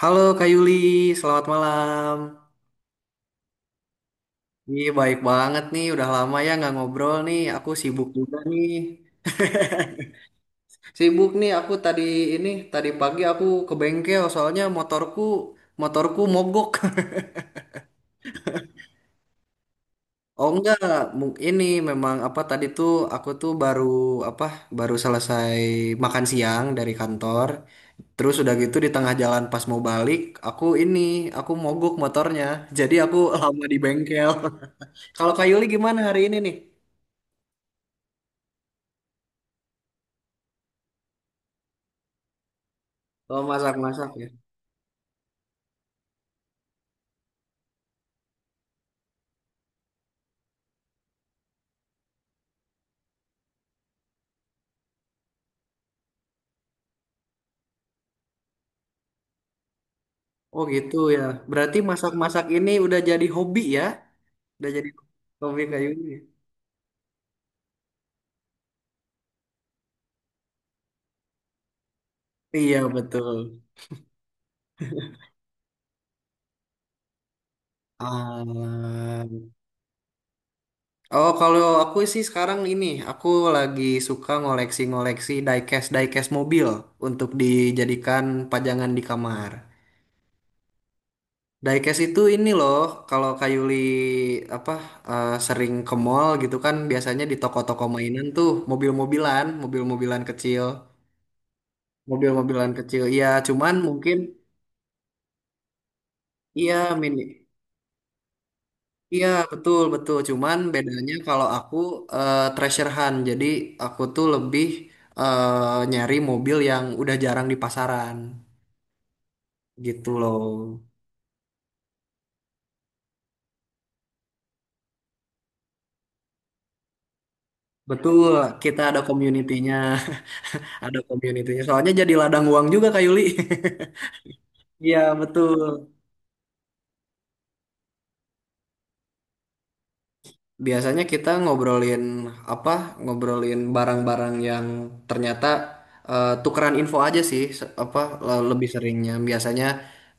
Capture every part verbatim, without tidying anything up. Halo Kak Yuli, selamat malam. Ih, baik banget nih, udah lama ya nggak ngobrol nih. Aku sibuk juga nih. Sibuk nih aku tadi ini, tadi pagi aku ke bengkel soalnya motorku motorku mogok. Oh enggak, mu- ini memang apa tadi tuh aku tuh baru apa baru selesai makan siang dari kantor. Terus udah gitu di tengah jalan pas mau balik, aku ini aku mogok motornya. Jadi aku lama di bengkel. Kalau Kak Yuli gimana hari ini nih? Oh, masak-masak ya. Oh, gitu ya. Berarti masak-masak ini udah jadi hobi ya? Udah jadi hobi kayunya. Iya, betul. Ah. Oh, kalau aku sih sekarang ini, aku lagi suka ngoleksi-ngoleksi diecast diecast mobil untuk dijadikan pajangan di kamar. Diecast itu ini loh, kalau Kayuli apa eh, sering ke mall gitu kan, biasanya di toko-toko mainan tuh mobil-mobilan, mobil-mobilan kecil. Mobil-mobilan kecil. Iya, cuman mungkin iya mini. Iya, betul betul. Cuman bedanya kalau aku eh, treasure hunt. Jadi aku tuh lebih eh, nyari mobil yang udah jarang di pasaran gitu loh. Betul, kita ada community-nya, ada community-nya. Soalnya jadi ladang uang juga Kak Yuli. Iya, betul. Biasanya kita ngobrolin apa? Ngobrolin barang-barang yang ternyata eh, tukeran info aja sih, se- apa le- lebih seringnya. Biasanya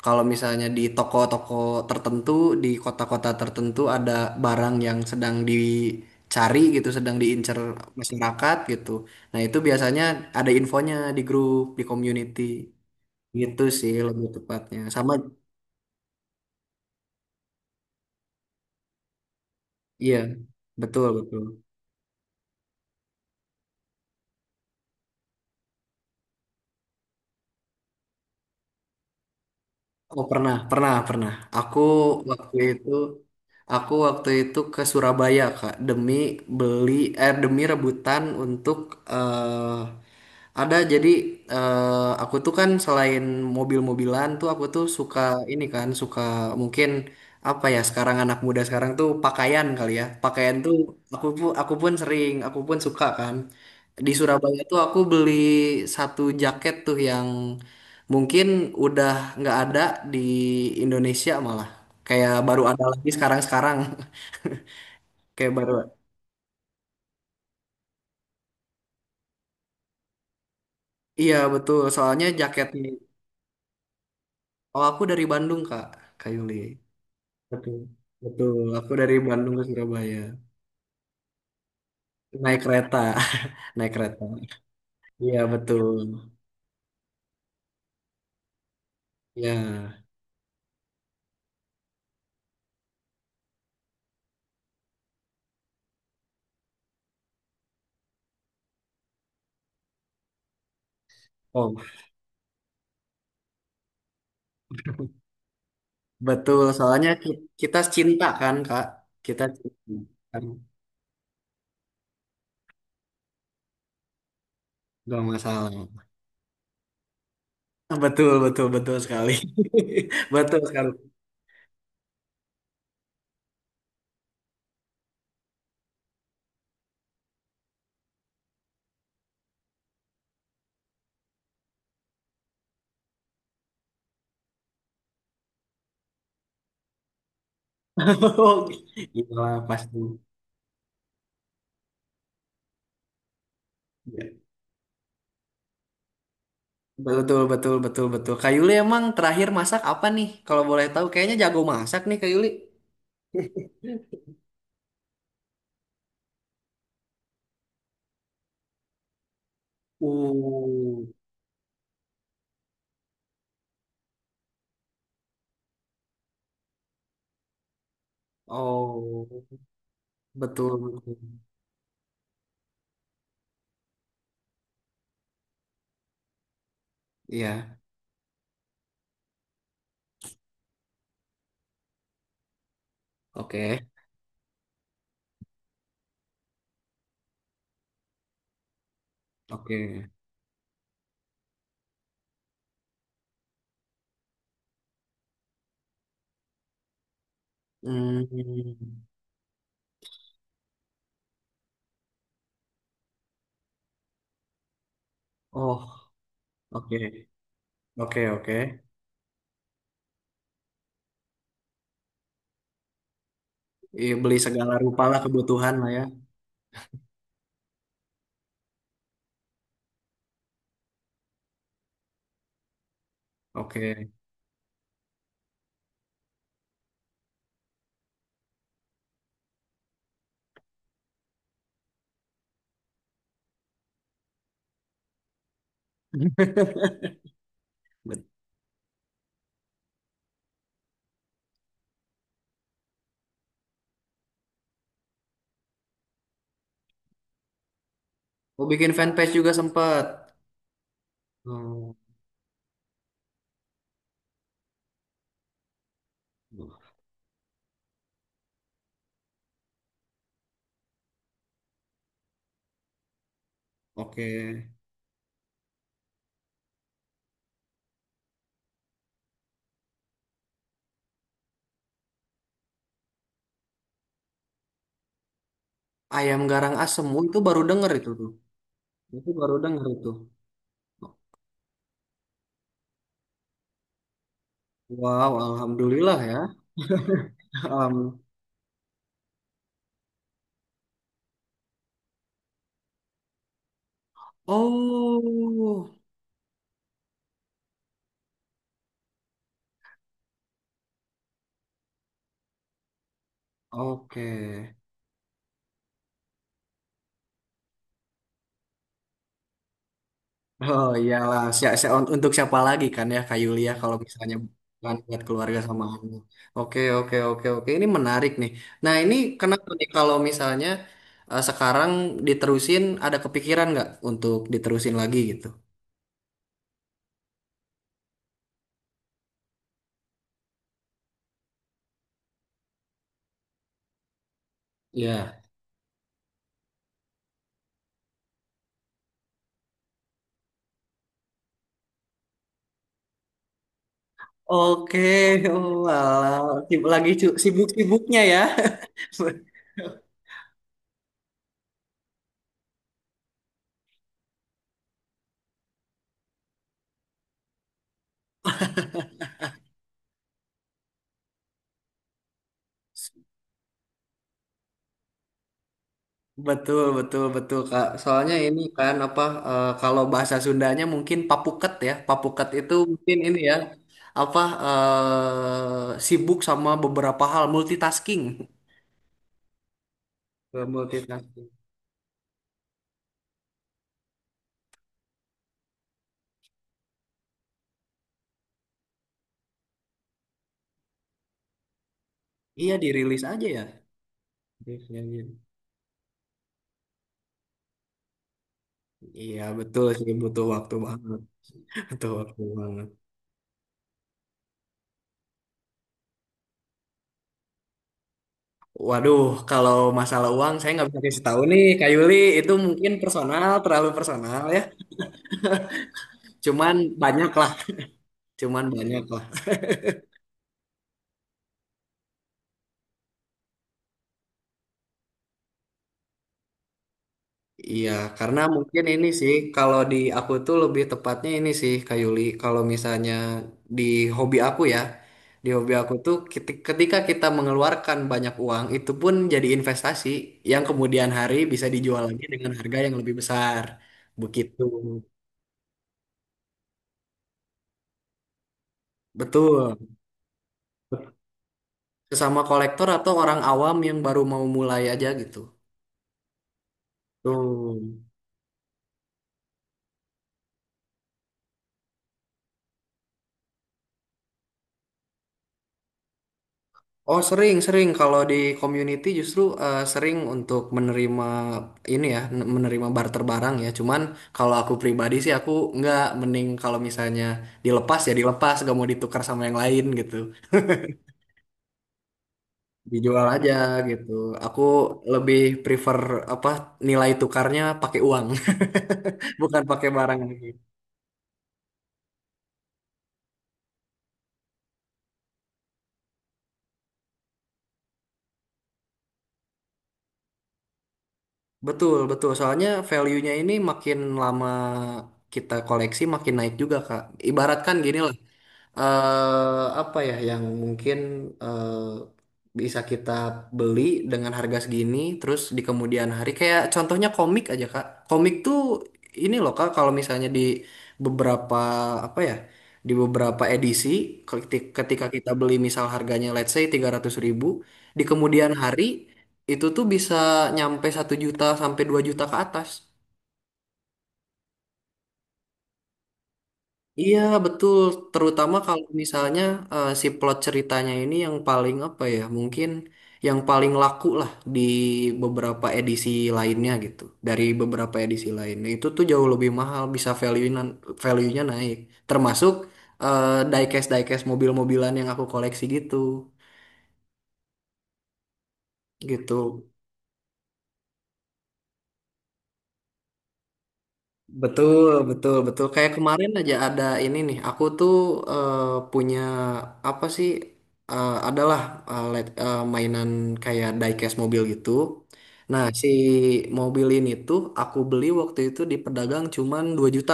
kalau misalnya di toko-toko tertentu, di kota-kota tertentu ada barang yang sedang dicari gitu, sedang diincar masyarakat gitu. Nah, itu biasanya ada infonya di grup, di community gitu sih lebih tepatnya. Sama iya, betul betul. Oh pernah, pernah, pernah. Aku waktu itu, aku waktu itu ke Surabaya Kak demi beli, eh demi rebutan untuk eh ada jadi eh aku tuh kan selain mobil-mobilan tuh aku tuh suka ini kan, suka mungkin apa ya sekarang anak muda sekarang tuh pakaian kali ya. Pakaian tuh aku pun aku pun sering, aku pun suka kan. Di Surabaya tuh aku beli satu jaket tuh yang mungkin udah nggak ada di Indonesia malah. Kayak baru ada lagi sekarang-sekarang. Kayak baru. Iya betul. Soalnya jaketnya. Oh aku dari Bandung Kak, Kak Yuli. Betul. Betul. Aku dari Bandung ke Surabaya. Naik kereta. Naik kereta. Iya betul. Iya. Oh betul. Soalnya ki- kita cinta kan Kak. Kita cinta kan. Gak masalah. Betul, betul, betul sekali. Betul sekali. Iyalah pasti. Iya. Betul betul betul betul. Kak Yuli emang terakhir masak apa nih? Kalau boleh tahu kayaknya jago masak nih Kak Yuli. Uh, oh, betul betul. Iya, oke, oke. Hmm, oh, oke, oke, oke. Iya, beli segala rupa lah kebutuhan lah ya. Oke. Bet- Oh, bikin fanpage juga sempet. Hmm, oke. Ayam garang asem, oh, itu baru denger itu tuh. Itu baru dengar itu. Wow, alhamdulillah ya. Um, oh, oke. Oh iyalah, si- si- un- untuk siapa lagi kan ya Kak Yulia kalau misalnya bukan buat keluarga sama anak. Oke, oke, oke, oke. Ini menarik nih. Nah, ini kenapa nih kalau misalnya eh, sekarang diterusin ada kepikiran nggak untuk diterusin lagi gitu? Iya. Oke, oh, alah. Sib- lagi cu- sibuk-sibuknya ya. Betul, betul, betul, Kak. Soalnya ini kan apa eh, kalau bahasa Sundanya mungkin papuket ya. Papuket itu mungkin ini ya apa eh, sibuk sama beberapa hal multitasking. Eh, Multitasking. Iya, dirilis aja ya. Iya, iya. Iya, betul sih butuh waktu banget. Butuh waktu banget. Waduh, kalau masalah uang saya nggak bisa kasih tahu nih, Kak Yuli. Itu mungkin personal, terlalu personal ya. Cuman banyak lah. Cuman banyak lah. Iya, karena mungkin ini sih kalau di aku tuh lebih tepatnya ini sih Kak Yuli, kalau misalnya di hobi aku ya, di hobi aku tuh keti- ketika kita mengeluarkan banyak uang itu pun jadi investasi yang kemudian hari bisa dijual lagi dengan harga yang lebih besar. Begitu. Betul. Sesama kolektor atau orang awam yang baru mau mulai aja gitu. Tuh. Oh sering sering kalau di community justru eh, sering untuk menerima ini ya n- menerima barter barang ya cuman kalau aku pribadi sih aku nggak mending kalau misalnya dilepas ya dilepas gak mau ditukar sama yang lain gitu dijual aja gitu aku lebih prefer apa nilai tukarnya pakai uang bukan pakai barang. Betul, betul. Soalnya value-nya ini makin lama kita koleksi makin naik juga, Kak. Ibaratkan gini lah. eh apa ya, yang mungkin eh, bisa kita beli dengan harga segini terus di kemudian hari kayak contohnya komik aja Kak. Komik tuh ini loh Kak kalau misalnya di beberapa apa ya di beberapa edisi keti- ketika kita beli misal harganya let's say tiga ratus ribu di kemudian hari itu tuh bisa nyampe satu juta sampai dua juta ke atas. Iya, betul. Terutama kalau misalnya eh, si plot ceritanya ini yang paling apa ya, mungkin yang paling laku lah di beberapa edisi lainnya gitu. Dari beberapa edisi lainnya itu tuh jauh lebih mahal, bisa value-nya value-nya naik. Termasuk eh, diecast diecast mobil-mobilan yang aku koleksi gitu. Gitu. Betul, betul, betul. Kayak kemarin aja ada ini nih. Aku tuh eh, punya apa sih? Eh, adalah eh, let- eh, Mainan kayak diecast mobil gitu. Nah, si mobil ini tuh aku beli waktu itu di pedagang cuman dua juta.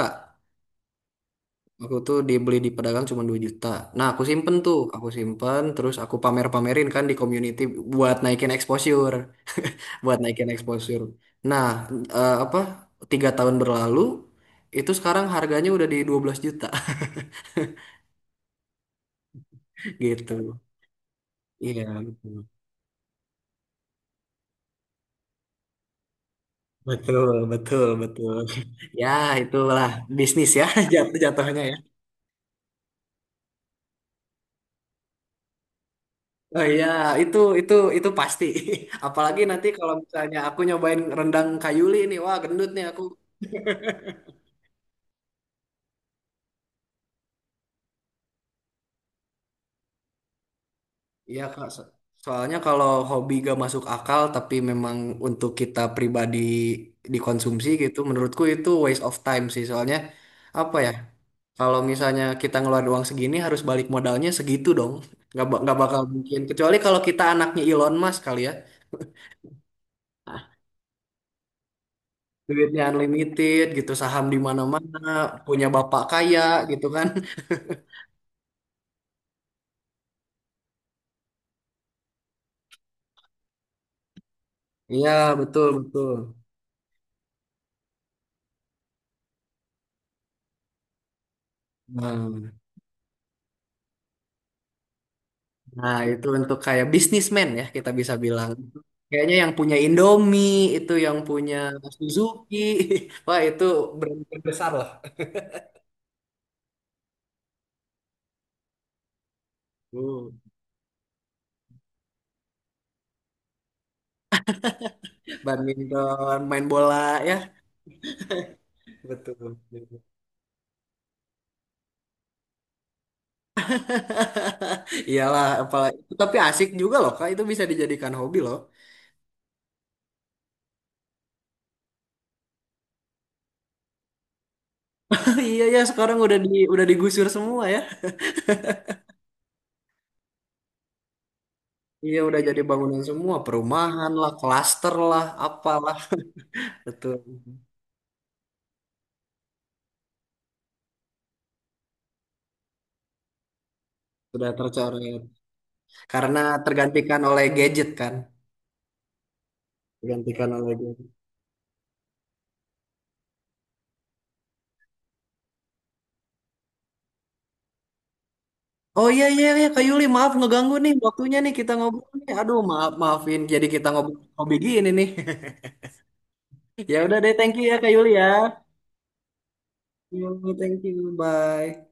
Aku tuh dibeli di pedagang cuma dua juta. Nah, aku simpen tuh, aku simpen terus aku pamer-pamerin kan di community buat naikin exposure buat naikin exposure. Nah, eh, apa tiga tahun berlalu itu sekarang harganya udah di dua belas juta gitu. Iya, betul. Betul, betul, betul. Ya, itulah bisnis ya jatuh jatuhnya ya. Oh iya, itu itu itu pasti. Apalagi nanti kalau misalnya aku nyobain rendang kayuli nih, wah gendut nih aku. Iya Kak, So- soalnya kalau hobi gak masuk akal tapi memang untuk kita pribadi dikonsumsi gitu, menurutku itu waste of time sih. Soalnya apa ya, kalau misalnya kita ngeluarin uang segini harus balik modalnya segitu dong. Gak, ba- nggak bakal mungkin. Kecuali kalau kita anaknya Elon Musk kali ya. Duitnya unlimited gitu, saham di mana-mana, punya bapak kaya gitu kan. Iya, betul, betul. Nah. Nah, itu untuk kayak bisnismen ya kita bisa bilang. Kayaknya yang punya Indomie, itu yang punya Suzuki. Wah, itu brand besar lah. Uh, Badminton, main bola ya. Betul. Iyalah, apalagi tapi asik juga loh, Kak. Itu bisa dijadikan hobi loh. Iya ya, sekarang udah di udah digusur semua ya. Iya, udah jadi bangunan semua, perumahan lah, klaster lah, apalah. Betul. Sudah tercoret karena tergantikan oleh gadget kan. Digantikan oleh game. Oh, iya, iya, iya, Kak Yuli, maaf ngeganggu nih waktunya nih kita ngobrol nih. Aduh maaf maafin jadi kita ngobrol hobi gini nih. Ya udah deh thank you ya Kak Yuli ya. Yo, thank you bye.